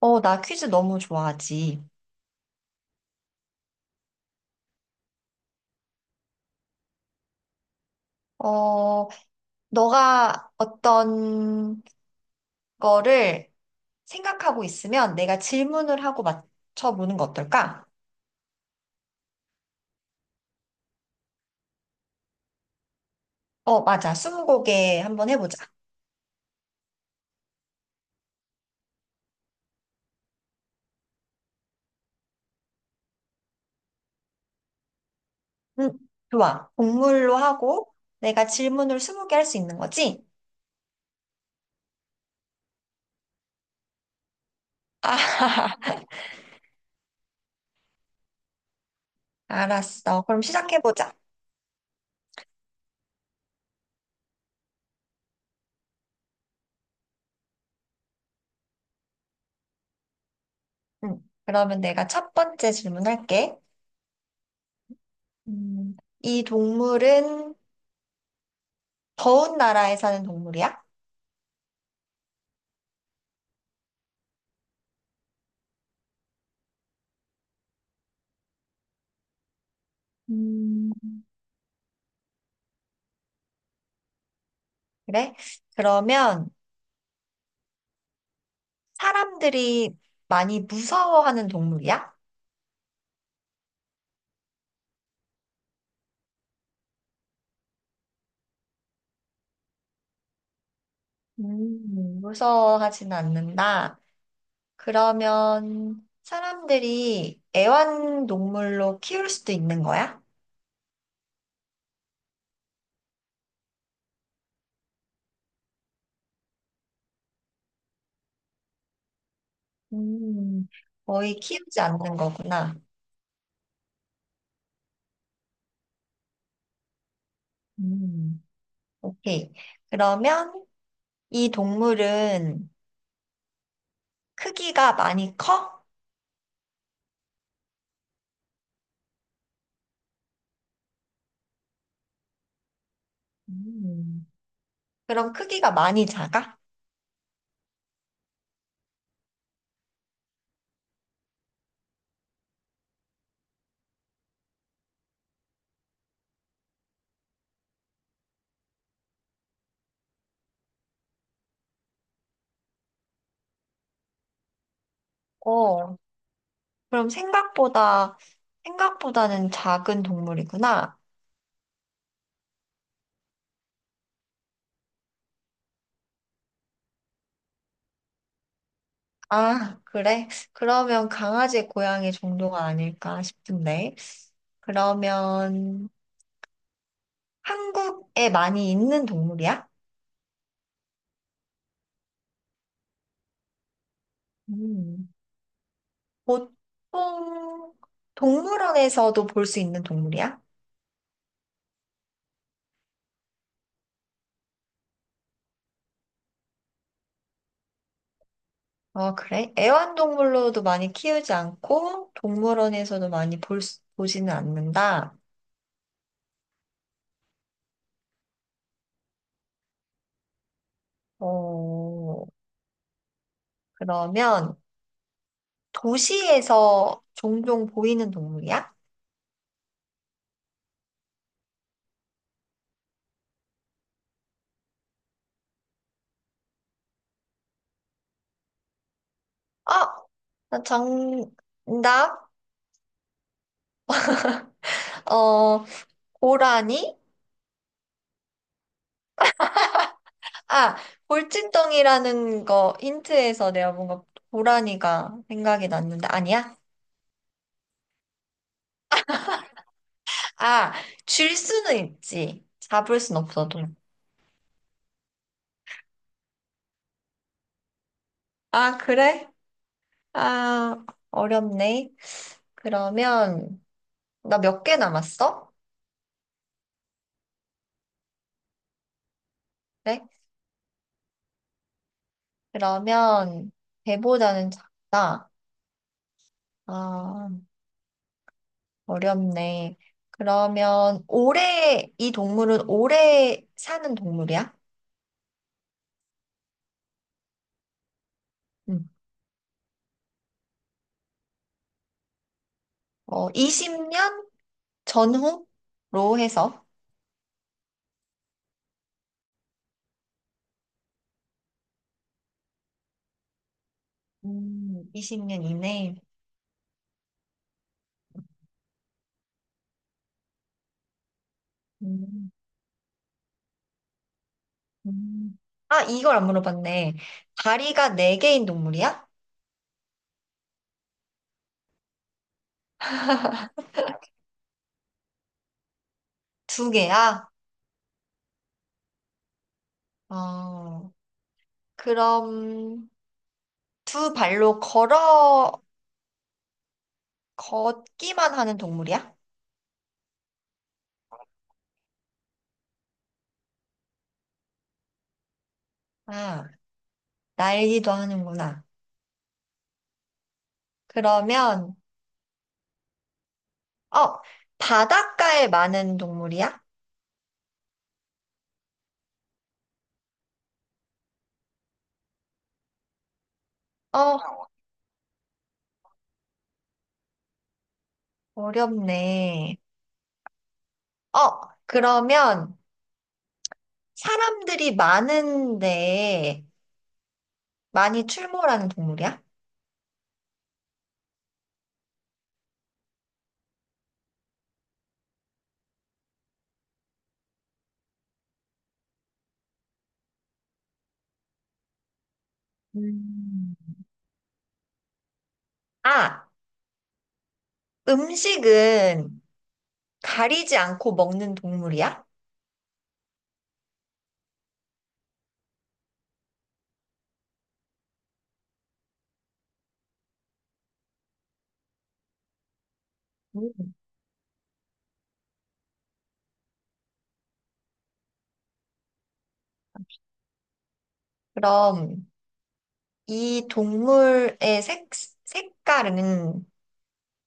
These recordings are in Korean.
나 퀴즈 너무 좋아하지. 어, 너가 어떤 거를 생각하고 있으면 내가 질문을 하고 맞춰보는 거 어떨까? 어, 맞아. 스무고개 한번 해보자. 응, 좋아. 동물로 하고 내가 질문을 스무 개 할 수 있는 거지? 아, 알았어. 그럼 시작해보자. 응, 그러면 내가 첫 번째 질문할게. 음, 이 동물은 더운 나라에 사는 동물이야? 음. 그래? 그러면 사람들이 많이 무서워하는 동물이야? 무서워하진 않는다. 그러면 사람들이 애완동물로 키울 수도 있는 거야? 음, 거의 키우지 않는 거구나. 음, 오케이. 그러면 이 동물은 크기가 많이 커? 음, 그럼 크기가 많이 작아? 어, 그럼 생각보다는 작은 동물이구나. 아, 그래? 그러면 강아지, 고양이 정도가 아닐까 싶은데. 그러면 한국에 많이 있는 동물이야? 음, 보통 동물원에서도 볼 수 있는 동물이야? 어, 그래? 애완동물로도 많이 키우지 않고 동물원에서도 많이 보지는 않는다. 어, 그러면 도시에서 종종 보이는 동물이야? 아, 나 정답. 어, 고라니? 아, 골칫덩이라는 거 힌트에서 내가 뭔가 고라니가 생각이 났는데 아니야? 아, 줄 수는 있지. 잡을 순 없어도. 아, 그래? 아, 어렵네. 그러면 나 몇 개 남았어? 그래? 그러면 배보다는 작다. 아, 어렵네. 그러면 올해 이 동물은 올해 사는 동물이야? 응. 어, 20년 전후로 해서 20년 이내. 음, 음. 아, 이걸 안 물어봤네. 다리가 네개인 동물이야? 두개야. 어, 그럼 두 발로 걸어 걷기만 하는 동물이야? 아, 날기도 하는구나. 그러면 어, 바닷가에 많은 동물이야? 어, 어렵네. 어, 그러면 사람들이 많은데 많이 출몰하는 동물이야? 음, 아, 음식은 가리지 않고 먹는 동물이야? 음. 그럼 이 동물의 색깔은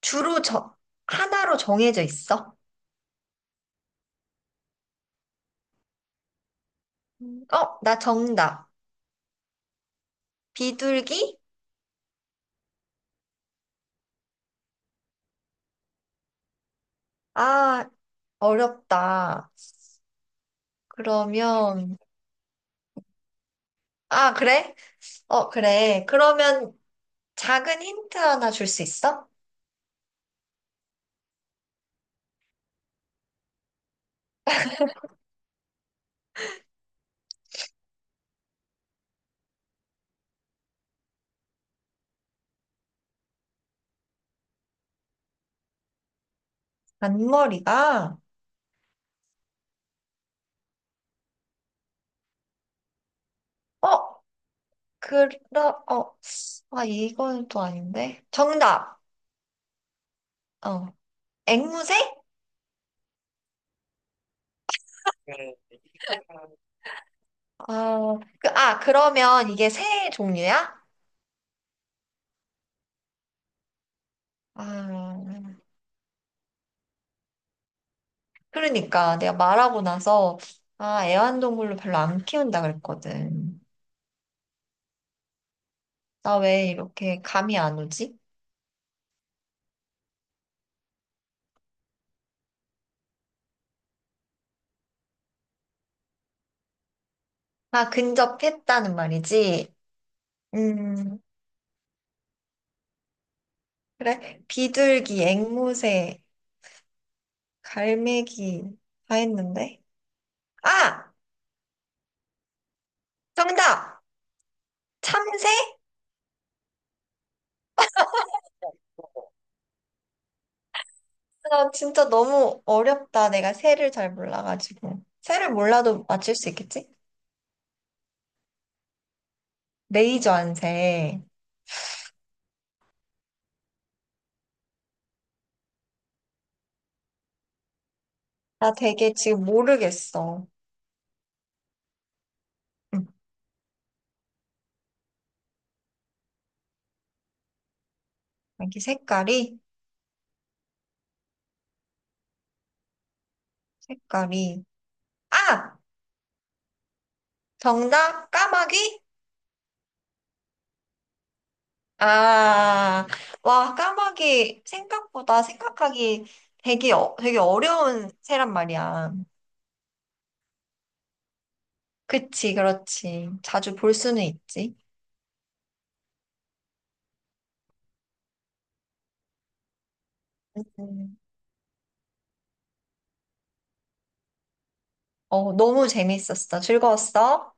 주로 하나로 정해져 있어? 음. 어, 나 정답. 비둘기? 아, 어렵다. 그러면, 아, 그래? 어, 그래. 그러면 작은 힌트 하나 줄 수 있어? 앞머리가, 어, 그러, 어, 아, 이건 또 아닌데. 정답! 어, 앵무새? 아, 그러면 이게 새 종류야? 아, 그러니까 내가 말하고 나서, 아, 애완동물로 별로 안 키운다 그랬거든. 나 왜 이렇게 감이 안 오지? 아, 근접했다는 말이지? 음. 그래? 비둘기, 앵무새, 갈매기 다 했는데? 아! 정답! 참새? 나 진짜 너무 어렵다. 내가 새를 잘 몰라가지고. 새를 몰라도 맞출 수 있겠지? 레이저 안새. 나 되게 지금 모르겠어. 응. 여기 색깔이? 색깔이. 아! 정답! 까마귀? 아, 와, 까마귀 생각보다 생각하기 되게, 되게 어려운 새란 말이야. 그치, 그렇지. 자주 볼 수는 있지. 음. 어, 너무 재밌었어. 즐거웠어?